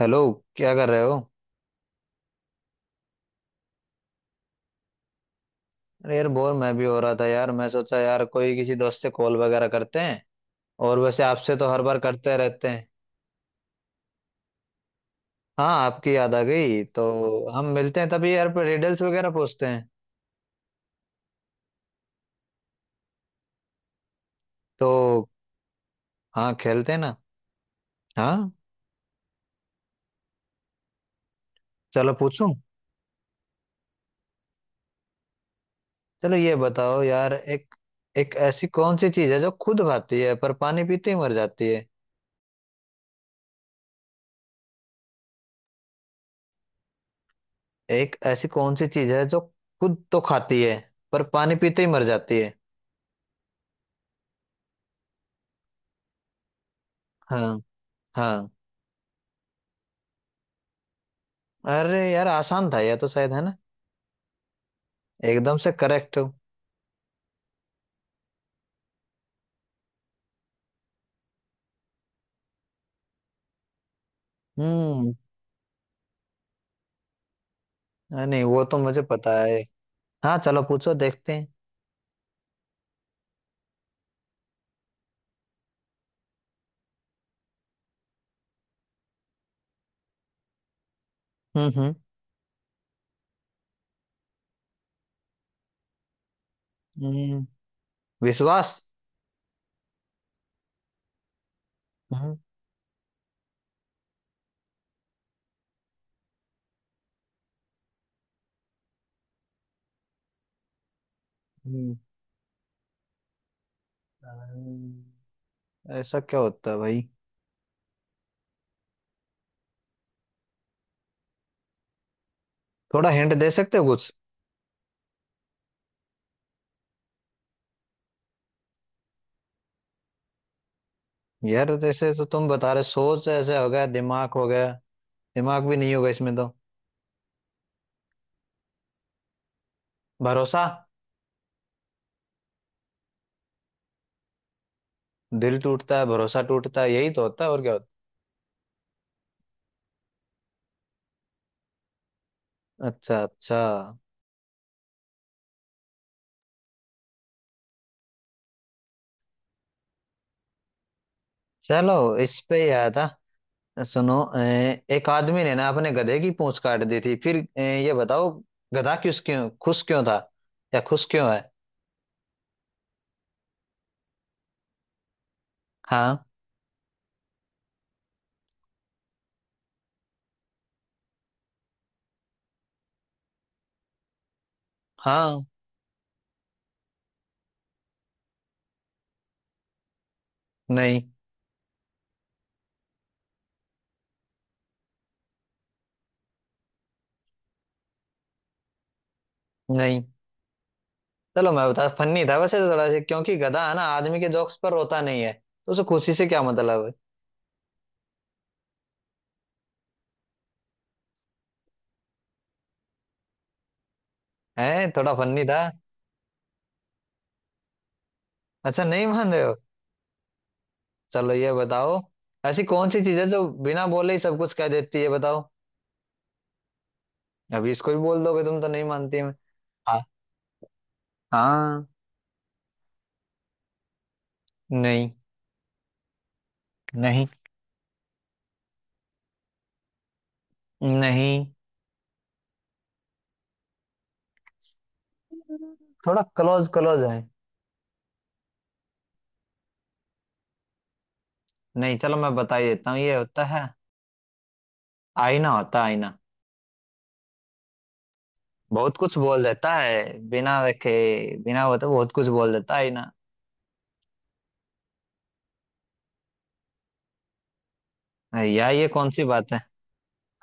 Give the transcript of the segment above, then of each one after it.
Hello. क्या कर रहे हो? अरे यार, बोर मैं भी हो रहा था यार। मैं सोचा यार कोई किसी दोस्त से कॉल वगैरह करते हैं। और वैसे आपसे तो हर बार करते रहते हैं। हाँ, आपकी याद आ गई तो। हम मिलते हैं तभी यार पर रिडल्स वगैरह पूछते हैं। तो। हाँ, खेलते हैं ना। हाँ। चलो पूछूं। चलो ये बताओ यार, एक। एक ऐसी कौन सी चीज है जो खुद खाती है पर पानी पीते ही मर जाती है? एक ऐसी कौन सी चीज है जो खुद तो खाती है पर पानी पीते ही मर जाती है? हाँ। हाँ। अरे यार, आसान था यह तो, शायद, है ना? एकदम से करेक्ट हो। हम्म। अरे नहीं, वो तो मुझे पता है। हाँ, चलो पूछो, देखते हैं। हम्म, हम्म। हम्म, विश्वास। हम्म, हम्म, अरे, ऐसा क्या होता है भाई? थोड़ा हिंट दे सकते हो कुछ? यार जैसे तो तुम बता रहे, सोच ऐसे हो गया, दिमाग हो गया। दिमाग भी नहीं होगा इसमें तो। भरोसा। दिल टूटता है, भरोसा टूटता है, यही तो होता है, और क्या होता है? अच्छा, अच्छा। चलो। इस पे ही आया था। सुनो। एक आदमी ने ना अपने गधे की पूंछ काट दी थी, फिर ये बताओ। गधा किस क्यों खुश क्यों था, या खुश क्यों है? हाँ। हाँ। नहीं। नहीं। चलो मैं बता, फनी था वैसे तो थोड़ा सा, क्योंकि गधा है ना आदमी के जोक्स पर रोता नहीं है तो उसे खुशी से क्या मतलब। है हैं थोड़ा फनी था। अच्छा, नहीं मान रहे हो। चलो ये बताओ। ऐसी कौन सी चीज है जो बिना बोले ही सब कुछ कह देती है? बताओ। अभी इसको भी बोल दोगे तुम, तो नहीं मानती मैं। हाँ। हाँ। नहीं। नहीं। नहीं। थोड़ा क्लोज क्लोज है। नहीं, चलो मैं बता ही देता हूँ, ये होता है। आईना होता है, आईना। बहुत कुछ बोल देता है बिना देखे। बिना वो तो बहुत कुछ बोल देता है आईना। यार ये कौन सी बात है।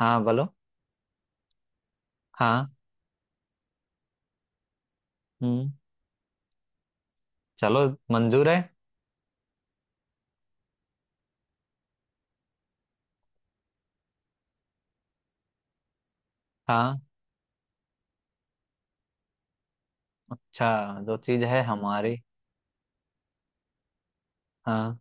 हाँ बोलो। हाँ। हम्म। चलो। मंजूर है। हाँ। अच्छा, जो चीज है हमारी। हाँ।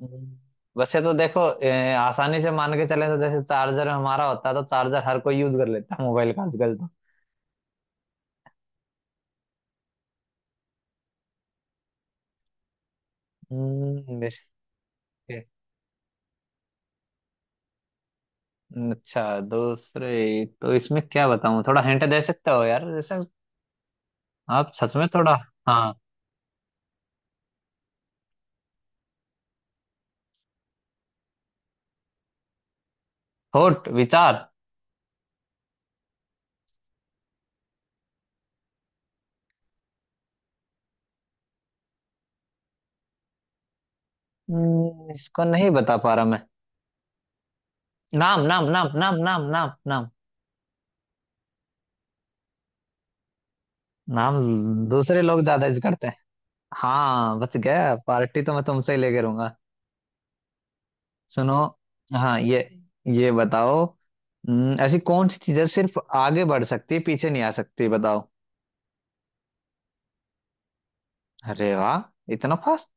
हम्म। वैसे तो देखो, आसानी से मान के चले तो जैसे चार्जर हमारा होता तो चार्जर हर कोई यूज कर लेता मोबाइल का आजकल तो। हम्म, बेशक। अच्छा, दूसरे तो इसमें क्या बताऊं, थोड़ा हिंट दे सकते हो यार, जैसे। आप सच में, थोड़ा। हाँ। थॉट, विचार। इसको नहीं बता पा रहा मैं। नाम, नाम, नाम, नाम, नाम, नाम, नाम, नाम। दूसरे लोग ज्यादा यूज करते हैं। हाँ, बच गया। पार्टी तो मैं तुमसे ही लेके रहूंगा। सुनो। हाँ, ये। ये बताओ। ऐसी कौन सी चीजें सिर्फ आगे बढ़ सकती है पीछे नहीं आ सकती? बताओ। अरे वाह, इतना फास्ट।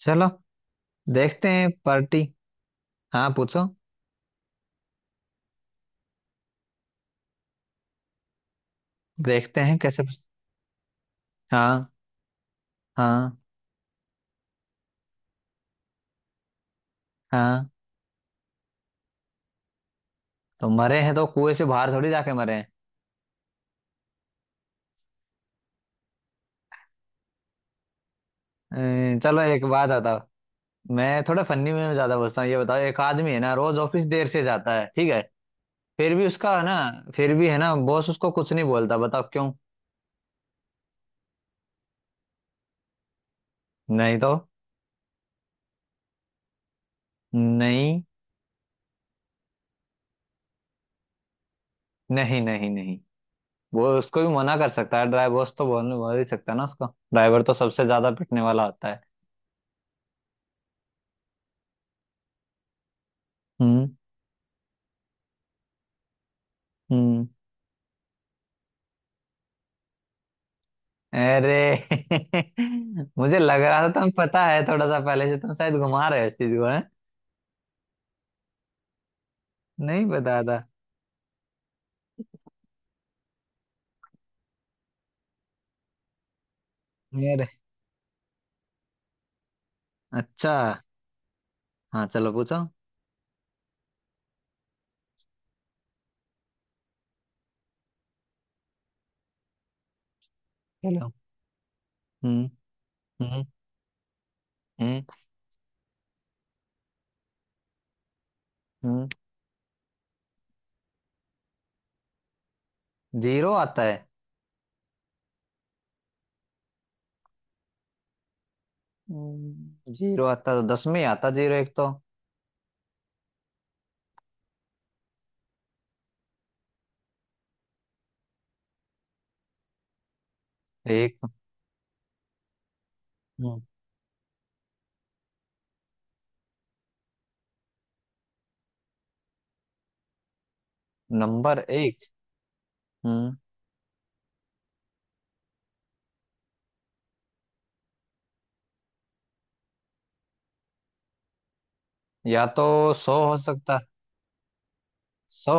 चलो। देखते हैं पार्टी। हाँ पूछो। देखते हैं कैसे। हाँ। हाँ। हाँ। तो मरे हैं तो कुएं से बाहर थोड़ी जाके मरे हैं। चलो एक बात बताओ। मैं थोड़ा फनी में ज्यादा पूछता हूँ, ये बताओ, एक आदमी है ना रोज ऑफिस देर से जाता है, ठीक है। फिर भी उसका है ना। फिर भी है ना, बॉस उसको कुछ नहीं बोलता, बताओ क्यों? नहीं तो। नहीं। नहीं, नहीं, नहीं। वो उसको भी मना कर सकता है ड्राइवर, बॉस तो बोल बोल ही सकता है ना उसको। ड्राइवर तो सबसे ज्यादा पिटने वाला होता है। हम्म, हम्म। अरे। मुझे लग रहा था तुम पता है थोड़ा सा पहले से, तुम शायद घुमा रहे हो इस चीज को, है? नहीं पता था। अरे। अच्छा। हाँ, चलो पूछो। चलो। हम्म। हम्म। हम्म। हम्म। जीरो आता है। जीरो आता तो दस में ही आता, जीरो एक तो। एक। हम्म, नंबर एक। हम्म। या तो। सौ हो सकता। सौ।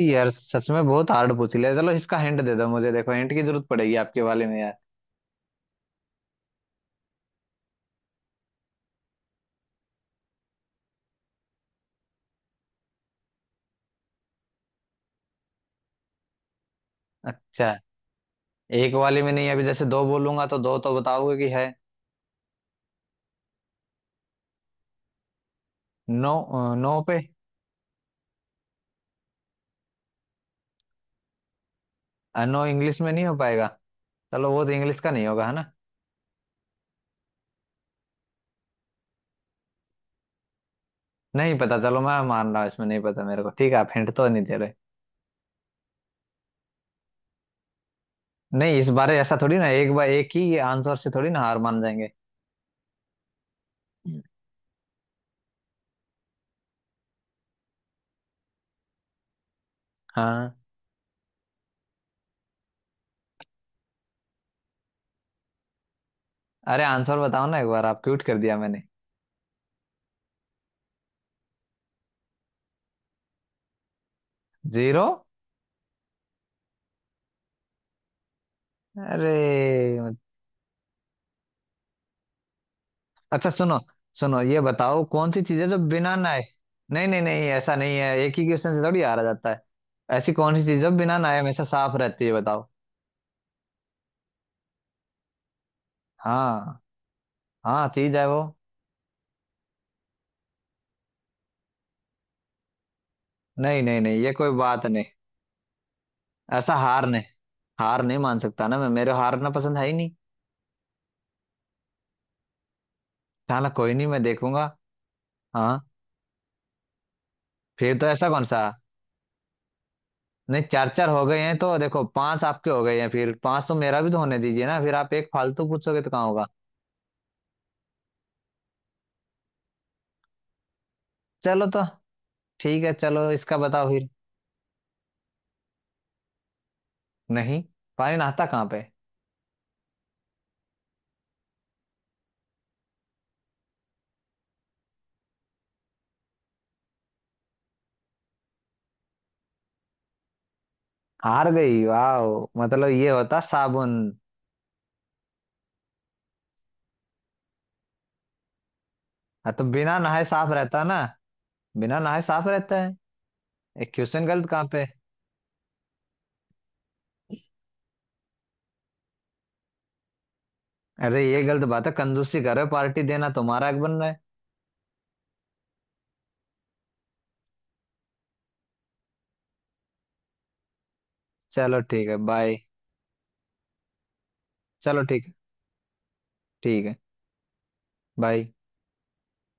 यार सच में बहुत हार्ड पूछ लिया, चलो इसका हिंट दे दो मुझे, देखो हिंट की जरूरत पड़ेगी आपके वाले में यार। अच्छा। एक वाले में नहीं, अभी जैसे दो बोलूंगा तो दो तो बताओगे कि है। नो। नो पे। नो इंग्लिश में नहीं हो पाएगा। चलो, वो तो इंग्लिश का नहीं होगा, है ना? नहीं पता, चलो मैं मान रहा हूँ इसमें नहीं पता मेरे को, ठीक है, आप हिंट तो नहीं दे रहे। नहीं, इस बारे ऐसा थोड़ी ना, एक बार एक ही आंसर से थोड़ी ना हार मान जाएंगे। हाँ। अरे आंसर बताओ ना एक बार, आप क्यूट कर दिया मैंने। जीरो। अरे। अच्छा सुनो। सुनो ये बताओ, कौन सी चीज है जो बिना नहाए। नहीं, नहीं, नहीं, ऐसा नहीं है, एक ही क्वेश्चन से थोड़ी हारा जाता है। ऐसी कौन सी चीज है जो बिना नहाए हमेशा साफ रहती है? बताओ। हाँ। हाँ, चीज है वो। नहीं, नहीं, नहीं, ये कोई बात नहीं। ऐसा हार नहीं। हार नहीं मान सकता ना मैं, मेरे को हारना पसंद है ही नहीं। चलो कोई नहीं, मैं देखूंगा। हाँ। फिर तो ऐसा कौन सा। नहीं, चार चार हो गए हैं तो देखो, पांच आपके हो गए हैं, फिर पांच तो मेरा भी तो होने दीजिए ना, फिर आप एक फालतू पूछोगे तो कहाँ होगा। चलो तो। ठीक है, चलो इसका बताओ फिर। नहीं। पानी नहाता कहाँ पे? हार गई वाह। मतलब ये होता, साबुन। हाँ तो बिना नहाए साफ रहता ना। बिना नहाए साफ रहता है। ये क्वेश्चन गलत कहाँ पे? अरे ये गलत बात है, कंजूसी कर रहे हो, पार्टी देना तुम्हारा हक बन रहा है। चलो ठीक है, बाय। चलो ठीक है। ठीक है। बाय।